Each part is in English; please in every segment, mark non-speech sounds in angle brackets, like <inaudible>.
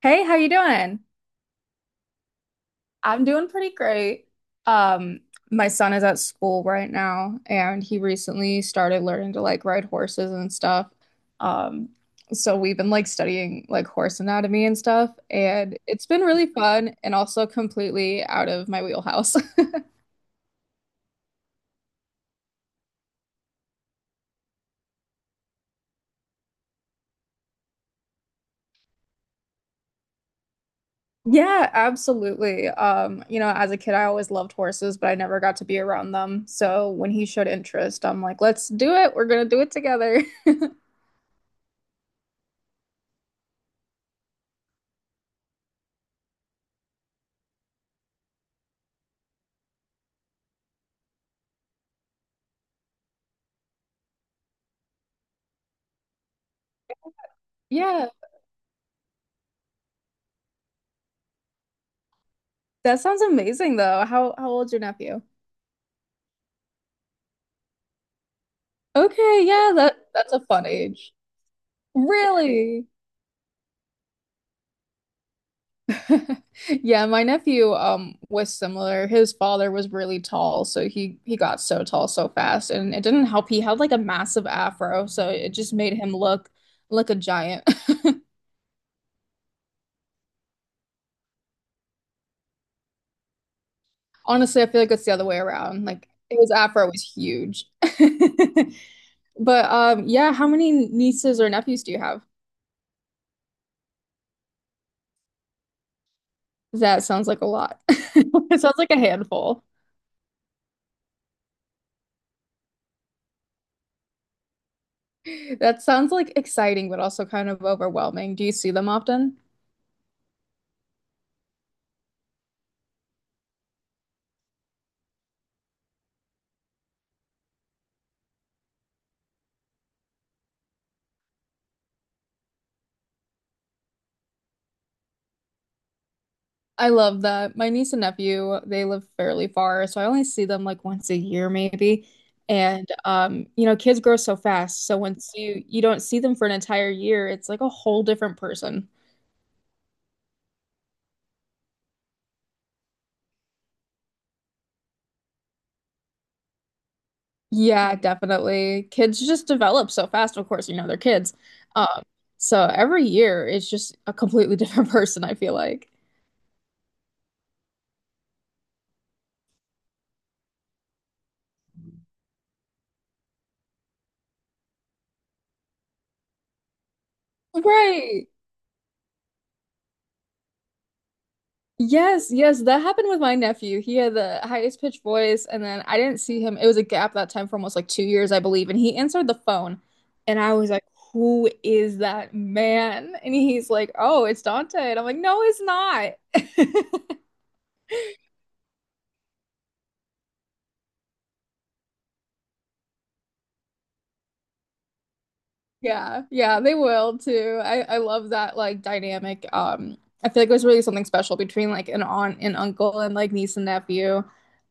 Hey, how you doing? I'm doing pretty great. Um, my son is at school right now, and he recently started learning to like ride horses and stuff. Um, so we've been like studying like horse anatomy and stuff, and it's been really fun and also completely out of my wheelhouse. <laughs> Yeah, absolutely. As a kid, I always loved horses, but I never got to be around them. So when he showed interest, I'm like, let's do it. We're gonna do it together. <laughs> Yeah. That sounds amazing though. How old's your nephew? Okay, yeah, that's a fun age. Really? <laughs> Yeah, my nephew was similar. His father was really tall, so he got so tall so fast and it didn't help. He had like a massive afro, so it just made him look like a giant. <laughs> Honestly, I feel like it's the other way around. Like his afro was huge. <laughs> But yeah, how many nieces or nephews do you have? That sounds like a lot. <laughs> It sounds like a handful. That sounds like exciting, but also kind of overwhelming. Do you see them often? I love that. My niece and nephew, they live fairly far, so I only see them like once a year maybe. And kids grow so fast, so once you don't see them for an entire year, it's like a whole different person. Yeah, definitely. Kids just develop so fast, of course, you know, they're kids. Um, so every year it's just a completely <laughs> different person, I feel like. Right. Yes, yes, that happened with my nephew. He had the highest pitched voice, and then I didn't see him. It was a gap that time for almost like 2 years, I believe. And he answered the phone, and I was like, "Who is that man?" And he's like, "Oh, it's Dante." And I'm like, "No, it's not." <laughs> Yeah, yeah, they will too. I love that like dynamic. I feel like it was really something special between like an aunt and uncle and like niece and nephew.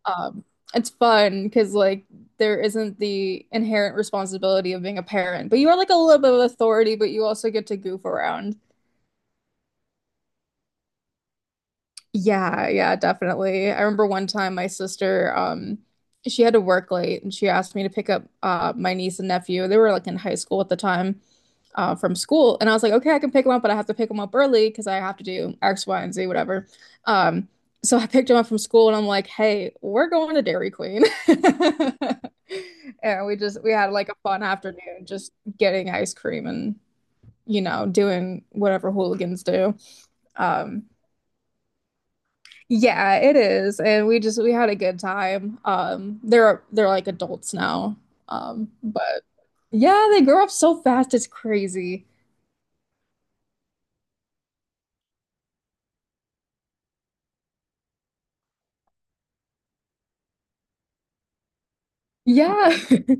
Um, it's fun because like there isn't the inherent responsibility of being a parent, but you are like a little bit of authority, but you also get to goof around. Yeah, yeah, definitely. I remember one time my sister, she had to work late and she asked me to pick up my niece and nephew. They were like in high school at the time, from school. And I was like, okay, I can pick them up, but I have to pick them up early because I have to do X, Y, and Z, whatever. Um, so I <laughs> picked them up from school and I'm like, hey, we're going to Dairy Queen. <laughs> And we had like a fun afternoon just getting ice cream and, doing whatever hooligans do. Um yeah, it is. And we had a good time. They're like adults now. But yeah, they grow up so fast it's crazy. Yeah. <laughs>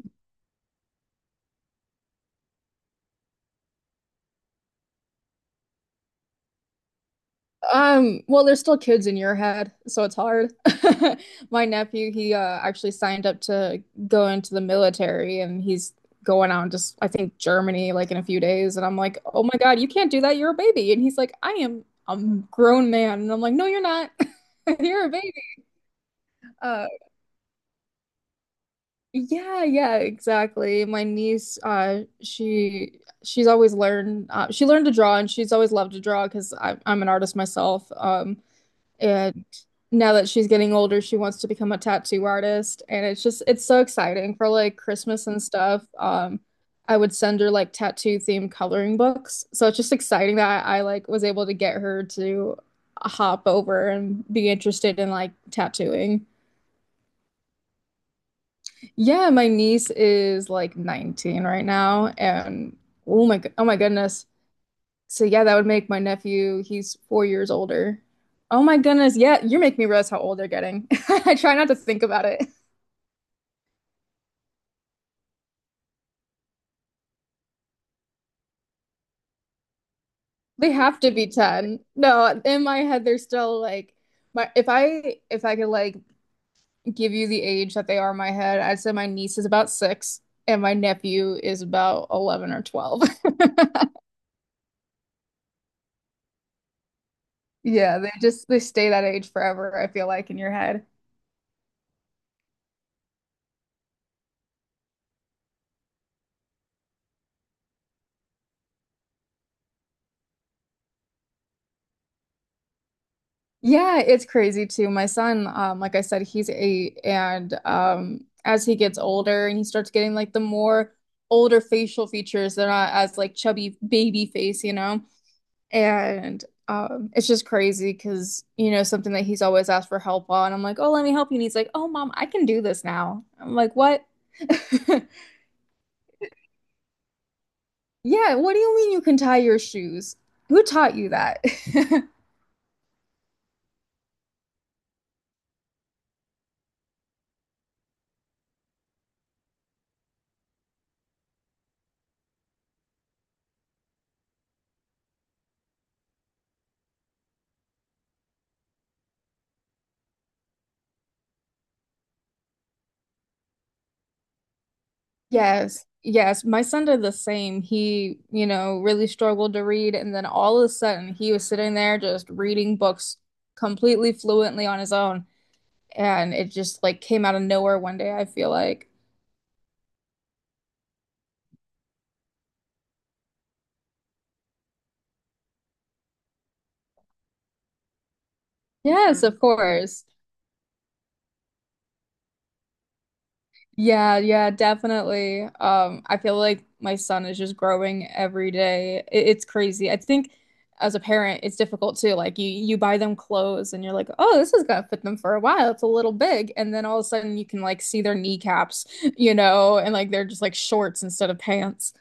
Well, they're still kids in your head, so it's hard. <laughs> My nephew, he actually signed up to go into the military and he's going out just I think Germany like in a few days and I'm like, "Oh my God, you can't do that. You're a baby." And he's like, "I am a grown man." And I'm like, "No, you're not. <laughs> You're a baby." Uh Yeah, yeah, exactly. My niece, she's always learned she learned to draw and she's always loved to draw because I'm an artist myself. And now that she's getting older, she wants to become a tattoo artist, and it's just it's so exciting for like Christmas and stuff. I would send her like tattoo themed coloring books, so it's just exciting that I like was able to get her to hop over and be interested in like tattooing. Yeah, my niece is like 19 right now, and oh my goodness. So yeah, that would make my nephew, he's 4 years older. Oh my goodness, yeah, you're making me realize how old they're getting. <laughs> I try not to think about it. They have to be 10. No, in my head, they're still like my if I could like give you the age that they are in my head, I'd say my niece is about 6 and my nephew is about 11 or 12. <laughs> Yeah, they stay that age forever, I feel like in your head. Yeah, it's crazy too. My son, like I said, he's 8, and as he gets older and he starts getting like the more older facial features, they're not as like chubby baby face, you know? And it's just crazy because, something that he's always asked for help on. I'm like, oh, let me help you. And he's like, oh, mom, I can do this now. I'm like, what? <laughs> Yeah, what do you mean you can tie your shoes? Who taught you that? <laughs> Yes, yes. My son did the same. He, really struggled to read, and then all of a sudden he was sitting there just reading books completely fluently on his own. And it just like came out of nowhere one day, I feel like. Yes, of course. Yeah, yeah, definitely. I feel like my son is just growing every day. It's crazy. I think as a parent, it's difficult too. Like you buy them clothes and you're like, "Oh, this is gonna fit them for a while. It's a little big." And then all of a sudden you can like see their kneecaps, <laughs> and like they're just like shorts instead of pants.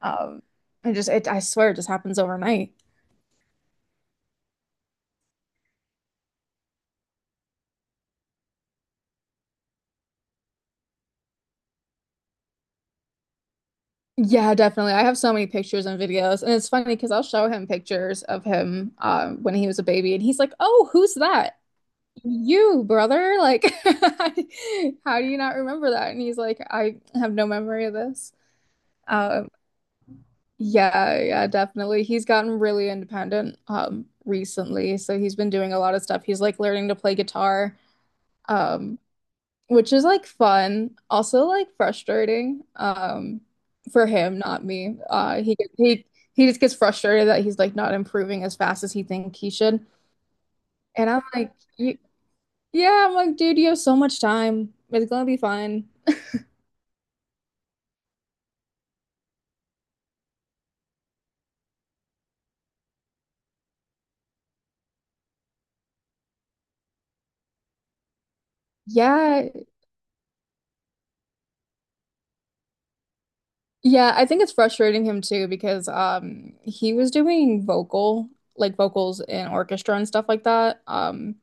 Um, and just it, I swear it just happens overnight. Yeah, definitely. I have so many pictures and videos, and it's funny because I'll show him pictures of him when he was a baby, and he's like, "Oh, who's that?" You, brother, like, <laughs> how do you not remember that? And he's like, I have no memory of this. Um, yeah, yeah, definitely. He's gotten really independent, recently. So he's been doing a lot of stuff. He's like learning to play guitar, um, which is like fun, also like frustrating, for him, not me. He just gets frustrated that he's like not improving as fast as he think he should. And I'm like, Yeah, I'm like, dude, you have so much time. It's gonna be fine. Yeah, yeah, I think it's frustrating him too because he was doing like vocals in orchestra and stuff like that.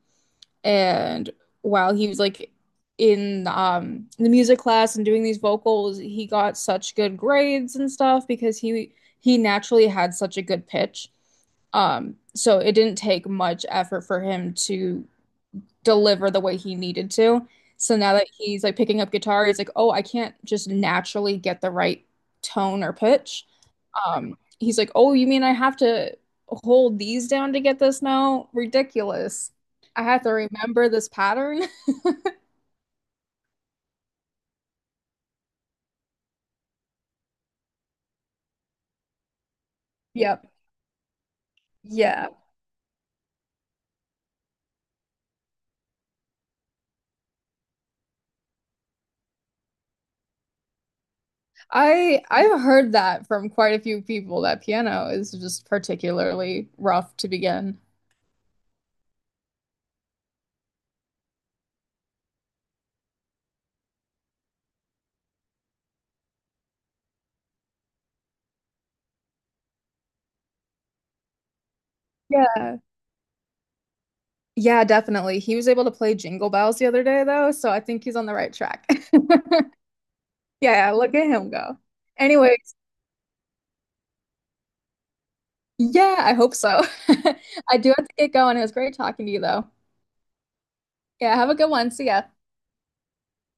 And while he was like in the music class and doing these vocals, he got such good grades and stuff because he naturally had such a good pitch. So it didn't take much effort for him to deliver the way he needed to. So now that he's like picking up guitar, he's like, "Oh, I can't just naturally get the right tone or pitch." He's like, "Oh, you mean I have to hold these down to get this Now Ridiculous. I have to remember this pattern." <laughs> Yep. Yeah. I've heard that from quite a few people that piano is just particularly rough to begin. Yeah. Yeah, definitely. He was able to play Jingle Bells the other day though, so I think he's on the right track. <laughs> Yeah, yeah, look at him go. Anyways, yeah, I hope so. <laughs> I do have to get going. It was great talking to you, though. Yeah, have a good one. See ya.